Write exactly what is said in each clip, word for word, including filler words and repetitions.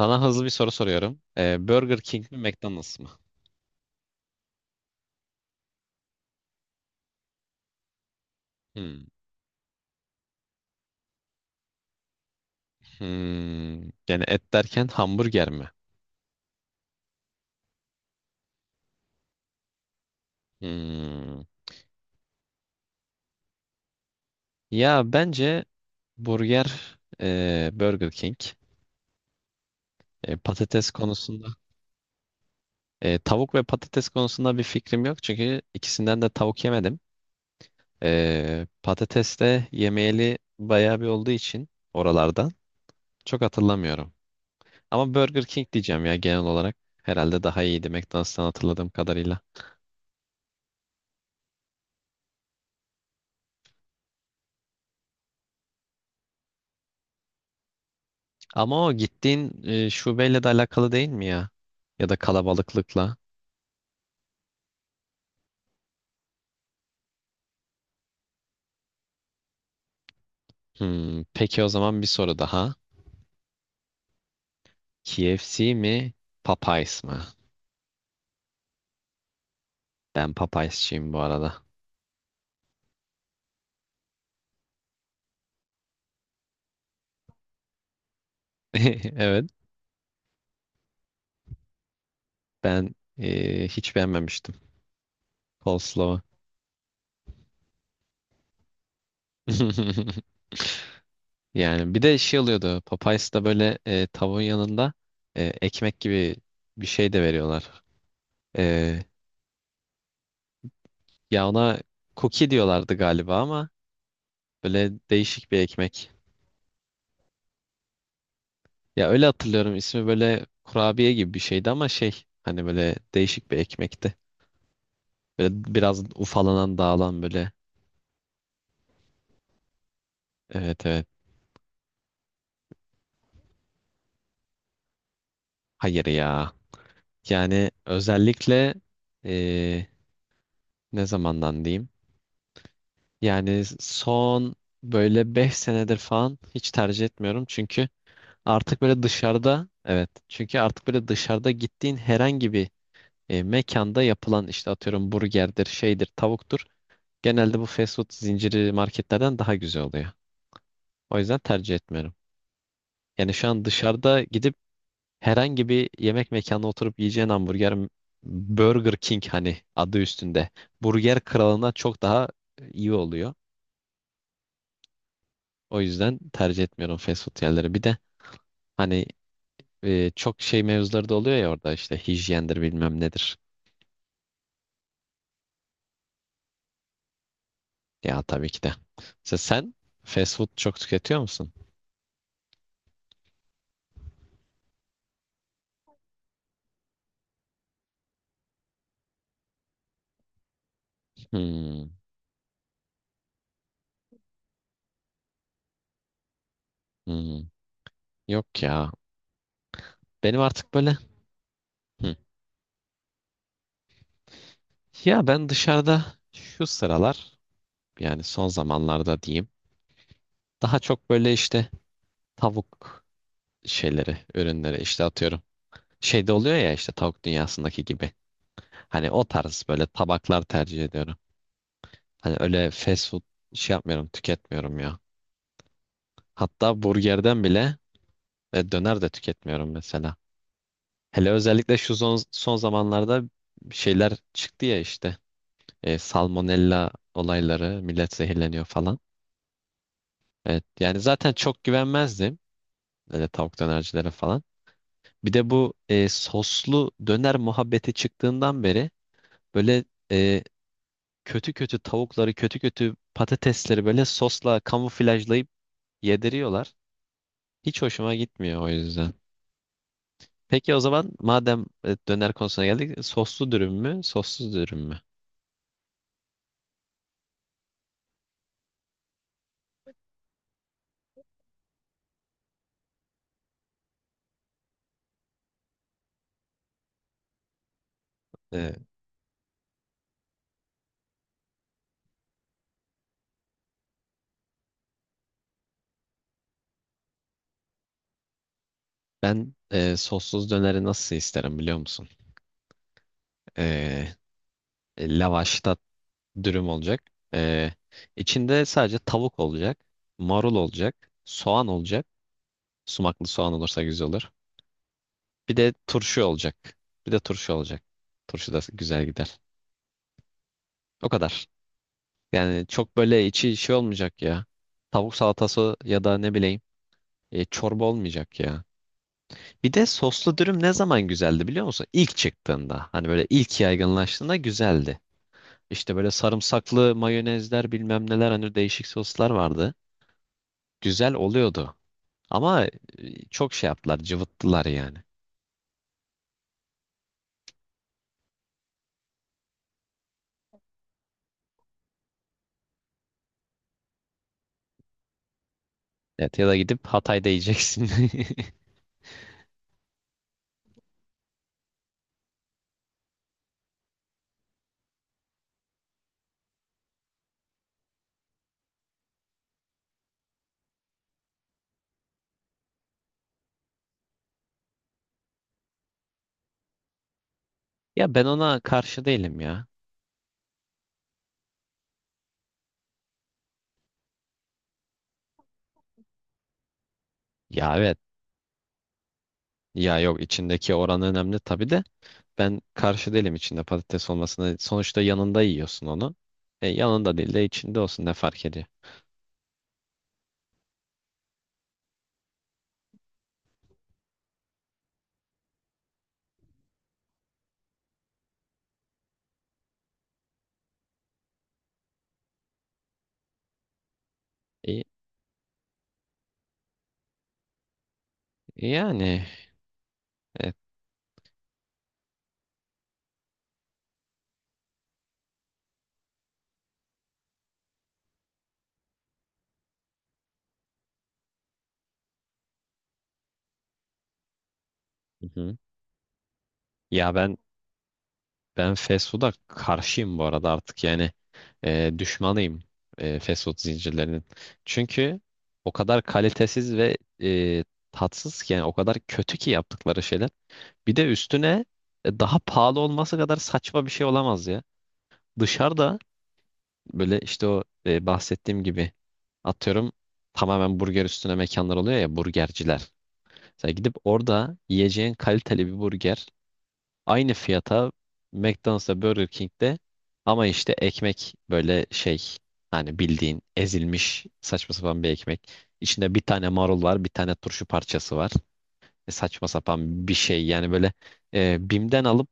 Sana hızlı bir soru soruyorum. Ee, Burger King mi McDonald's mı? Hmm. Hmm. Yani et derken hamburger mi? Hmm. Ya bence burger e, Burger King. E, patates konusunda e, tavuk ve patates konusunda bir fikrim yok. Çünkü ikisinden de tavuk yemedim. E, patates de yemeyeli bayağı bir olduğu için oralardan çok hatırlamıyorum. Ama Burger King diyeceğim ya genel olarak. Herhalde daha iyiydi McDonald's'tan hatırladığım kadarıyla. Ama o gittiğin e, şubeyle de alakalı değil mi ya? Ya da kalabalıklıkla. Hmm, peki o zaman bir soru daha. K F C mi, Popeyes mi? Ben Popeyes'çiyim bu arada. Evet, ben e, hiç beğenmemiştim coleslaw'u. Yani bir de şey oluyordu. Popeyes'ta böyle e, tavuğun yanında e, ekmek gibi bir şey de veriyorlar. E, ya ona cookie diyorlardı galiba ama böyle değişik bir ekmek. Ya öyle hatırlıyorum ismi böyle kurabiye gibi bir şeydi ama şey hani böyle değişik bir ekmekti. Böyle biraz ufalanan dağılan böyle. Evet evet. Hayır ya. Yani özellikle eee, ne zamandan diyeyim? Yani son böyle beş senedir falan hiç tercih etmiyorum. Çünkü artık böyle dışarıda evet. Çünkü artık böyle dışarıda gittiğin herhangi bir e, mekanda yapılan işte atıyorum burgerdir, şeydir, tavuktur. Genelde bu fast food zinciri marketlerden daha güzel oluyor. O yüzden tercih etmiyorum. Yani şu an dışarıda gidip herhangi bir yemek mekanına oturup yiyeceğin hamburger Burger King hani adı üstünde. Burger kralına çok daha e, iyi oluyor. O yüzden tercih etmiyorum fast food yerleri. Bir de hani e, çok şey mevzuları da oluyor ya orada işte hijyendir bilmem nedir. Ya tabii ki de. Mesela sen fast food çok tüketiyor musun? Hmm, hmm. Yok ya. Benim artık böyle Hı. Ya ben dışarıda şu sıralar yani son zamanlarda diyeyim. Daha çok böyle işte tavuk şeyleri, ürünleri işte atıyorum. Şeyde oluyor ya işte tavuk dünyasındaki gibi. Hani o tarz böyle tabaklar tercih ediyorum. Hani öyle fast food şey yapmıyorum, tüketmiyorum ya. Hatta burgerden bile e, döner de tüketmiyorum mesela. Hele özellikle şu son, son zamanlarda şeyler çıktı ya işte. E, salmonella olayları, millet zehirleniyor falan. Evet, yani zaten çok güvenmezdim. Öyle tavuk dönercilere falan. Bir de bu e, soslu döner muhabbeti çıktığından beri böyle e, kötü kötü tavukları, kötü kötü patatesleri böyle sosla kamuflajlayıp yediriyorlar. Hiç hoşuma gitmiyor o yüzden. Peki o zaman madem e, döner konusuna geldik, soslu dürüm mü, sossuz dürüm mü? E, ben e, sossuz döneri nasıl isterim biliyor musun? E, lavaşta dürüm olacak. E, içinde sadece tavuk olacak, marul olacak, soğan olacak. Sumaklı soğan olursa güzel olur. Bir de turşu olacak. Bir de turşu olacak. Turşu da güzel gider. O kadar. Yani çok böyle içi şey olmayacak ya. Tavuk salatası ya da ne bileyim e, çorba olmayacak ya. Bir de soslu dürüm ne zaman güzeldi biliyor musun? İlk çıktığında. Hani böyle ilk yaygınlaştığında güzeldi. İşte böyle sarımsaklı mayonezler bilmem neler hani değişik soslar vardı. Güzel oluyordu. Ama e, çok şey yaptılar, cıvıttılar yani. Evet ya da gidip Hatay'da yiyeceksin. Ya ben ona karşı değilim ya. Ya evet. Ya yok içindeki oran önemli tabii de ben karşı değilim içinde patates olmasına. Sonuçta yanında yiyorsun onu. E, yanında değil de içinde olsun ne fark ediyor? E, yani evet. Hı hı. Ya ben Ben fast food'a karşıyım bu arada artık yani e, düşmanıyım e, fast food zincirlerinin. Çünkü o kadar kalitesiz ve e, tatsız ki yani o kadar kötü ki yaptıkları şeyler. Bir de üstüne e, daha pahalı olması kadar saçma bir şey olamaz ya. Dışarıda böyle işte o e, bahsettiğim gibi atıyorum tamamen burger üstüne mekanlar oluyor ya burgerciler. Sen gidip orada yiyeceğin kaliteli bir burger Aynı fiyata McDonald's'ta Burger King'de ama işte ekmek böyle şey hani bildiğin ezilmiş saçma sapan bir ekmek. İçinde bir tane marul var, bir tane turşu parçası var. E, saçma sapan bir şey yani böyle e, Bim'den alıp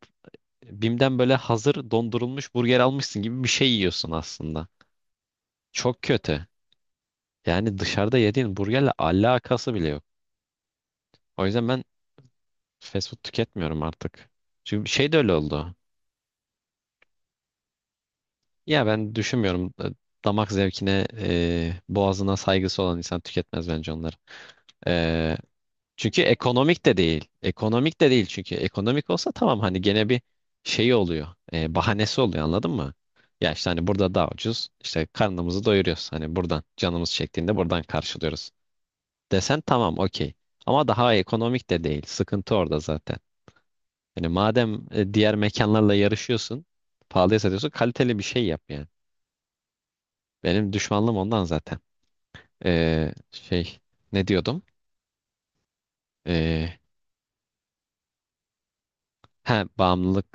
Bim'den böyle hazır dondurulmuş burger almışsın gibi bir şey yiyorsun aslında. Çok kötü. Yani dışarıda yediğin burgerle alakası bile yok. O yüzden ben fast food tüketmiyorum artık. Çünkü şey de öyle oldu. Ya ben düşünmüyorum. E, Damak zevkine, e, boğazına saygısı olan insan tüketmez bence onları. E, çünkü ekonomik de değil. Ekonomik de değil çünkü. Ekonomik olsa tamam hani gene bir şeyi oluyor. E, bahanesi oluyor anladın mı? Ya işte hani burada daha ucuz. İşte karnımızı doyuruyoruz. Hani buradan canımız çektiğinde buradan karşılıyoruz. Desen tamam okey. Ama daha ekonomik de değil. Sıkıntı orada zaten. Yani madem e, diğer mekanlarla yarışıyorsun, pahalıya satıyorsun, kaliteli bir şey yap yani. Benim düşmanlığım ondan zaten. Ee, şey ne diyordum? Ee, ha bağımlılık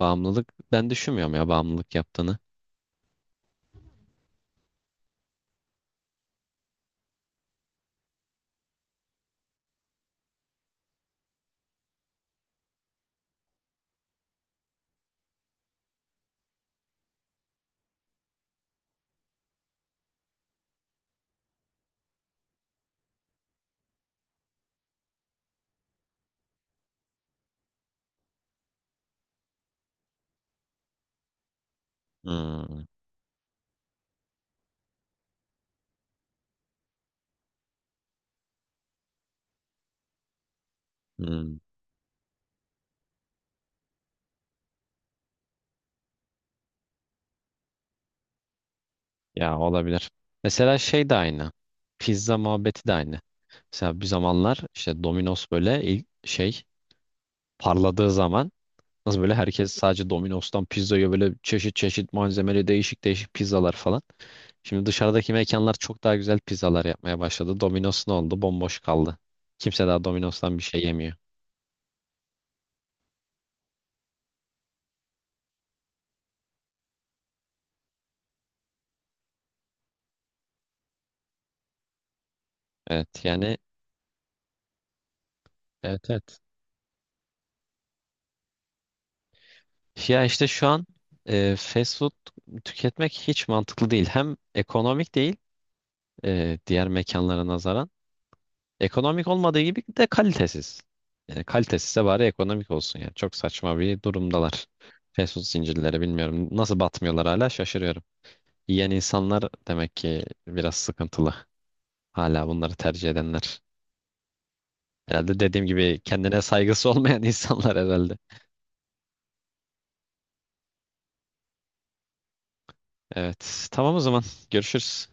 bağımlılık ben düşünmüyorum ya bağımlılık yaptığını. Hmm, hmm. Ya olabilir. Mesela şey de aynı. Pizza muhabbeti de aynı. Mesela bir zamanlar işte Domino's böyle ilk şey parladığı zaman nasıl böyle herkes sadece Domino's'tan pizzaya böyle çeşit çeşit malzemeli değişik değişik pizzalar falan. Şimdi dışarıdaki mekanlar çok daha güzel pizzalar yapmaya başladı. Domino's ne oldu? Bomboş kaldı. Kimse daha Domino's'tan bir şey yemiyor. Evet yani evet evet. Ya işte şu an e, fast food tüketmek hiç mantıklı değil. Hem ekonomik değil e, diğer mekanlara nazaran. Ekonomik olmadığı gibi de kalitesiz. Yani kalitesizse bari ekonomik olsun yani. Çok saçma bir durumdalar. Fast food zincirleri bilmiyorum. Nasıl batmıyorlar hala şaşırıyorum. Yiyen insanlar demek ki biraz sıkıntılı. Hala bunları tercih edenler. Herhalde dediğim gibi kendine saygısı olmayan insanlar herhalde. Evet. Tamam o zaman. Görüşürüz.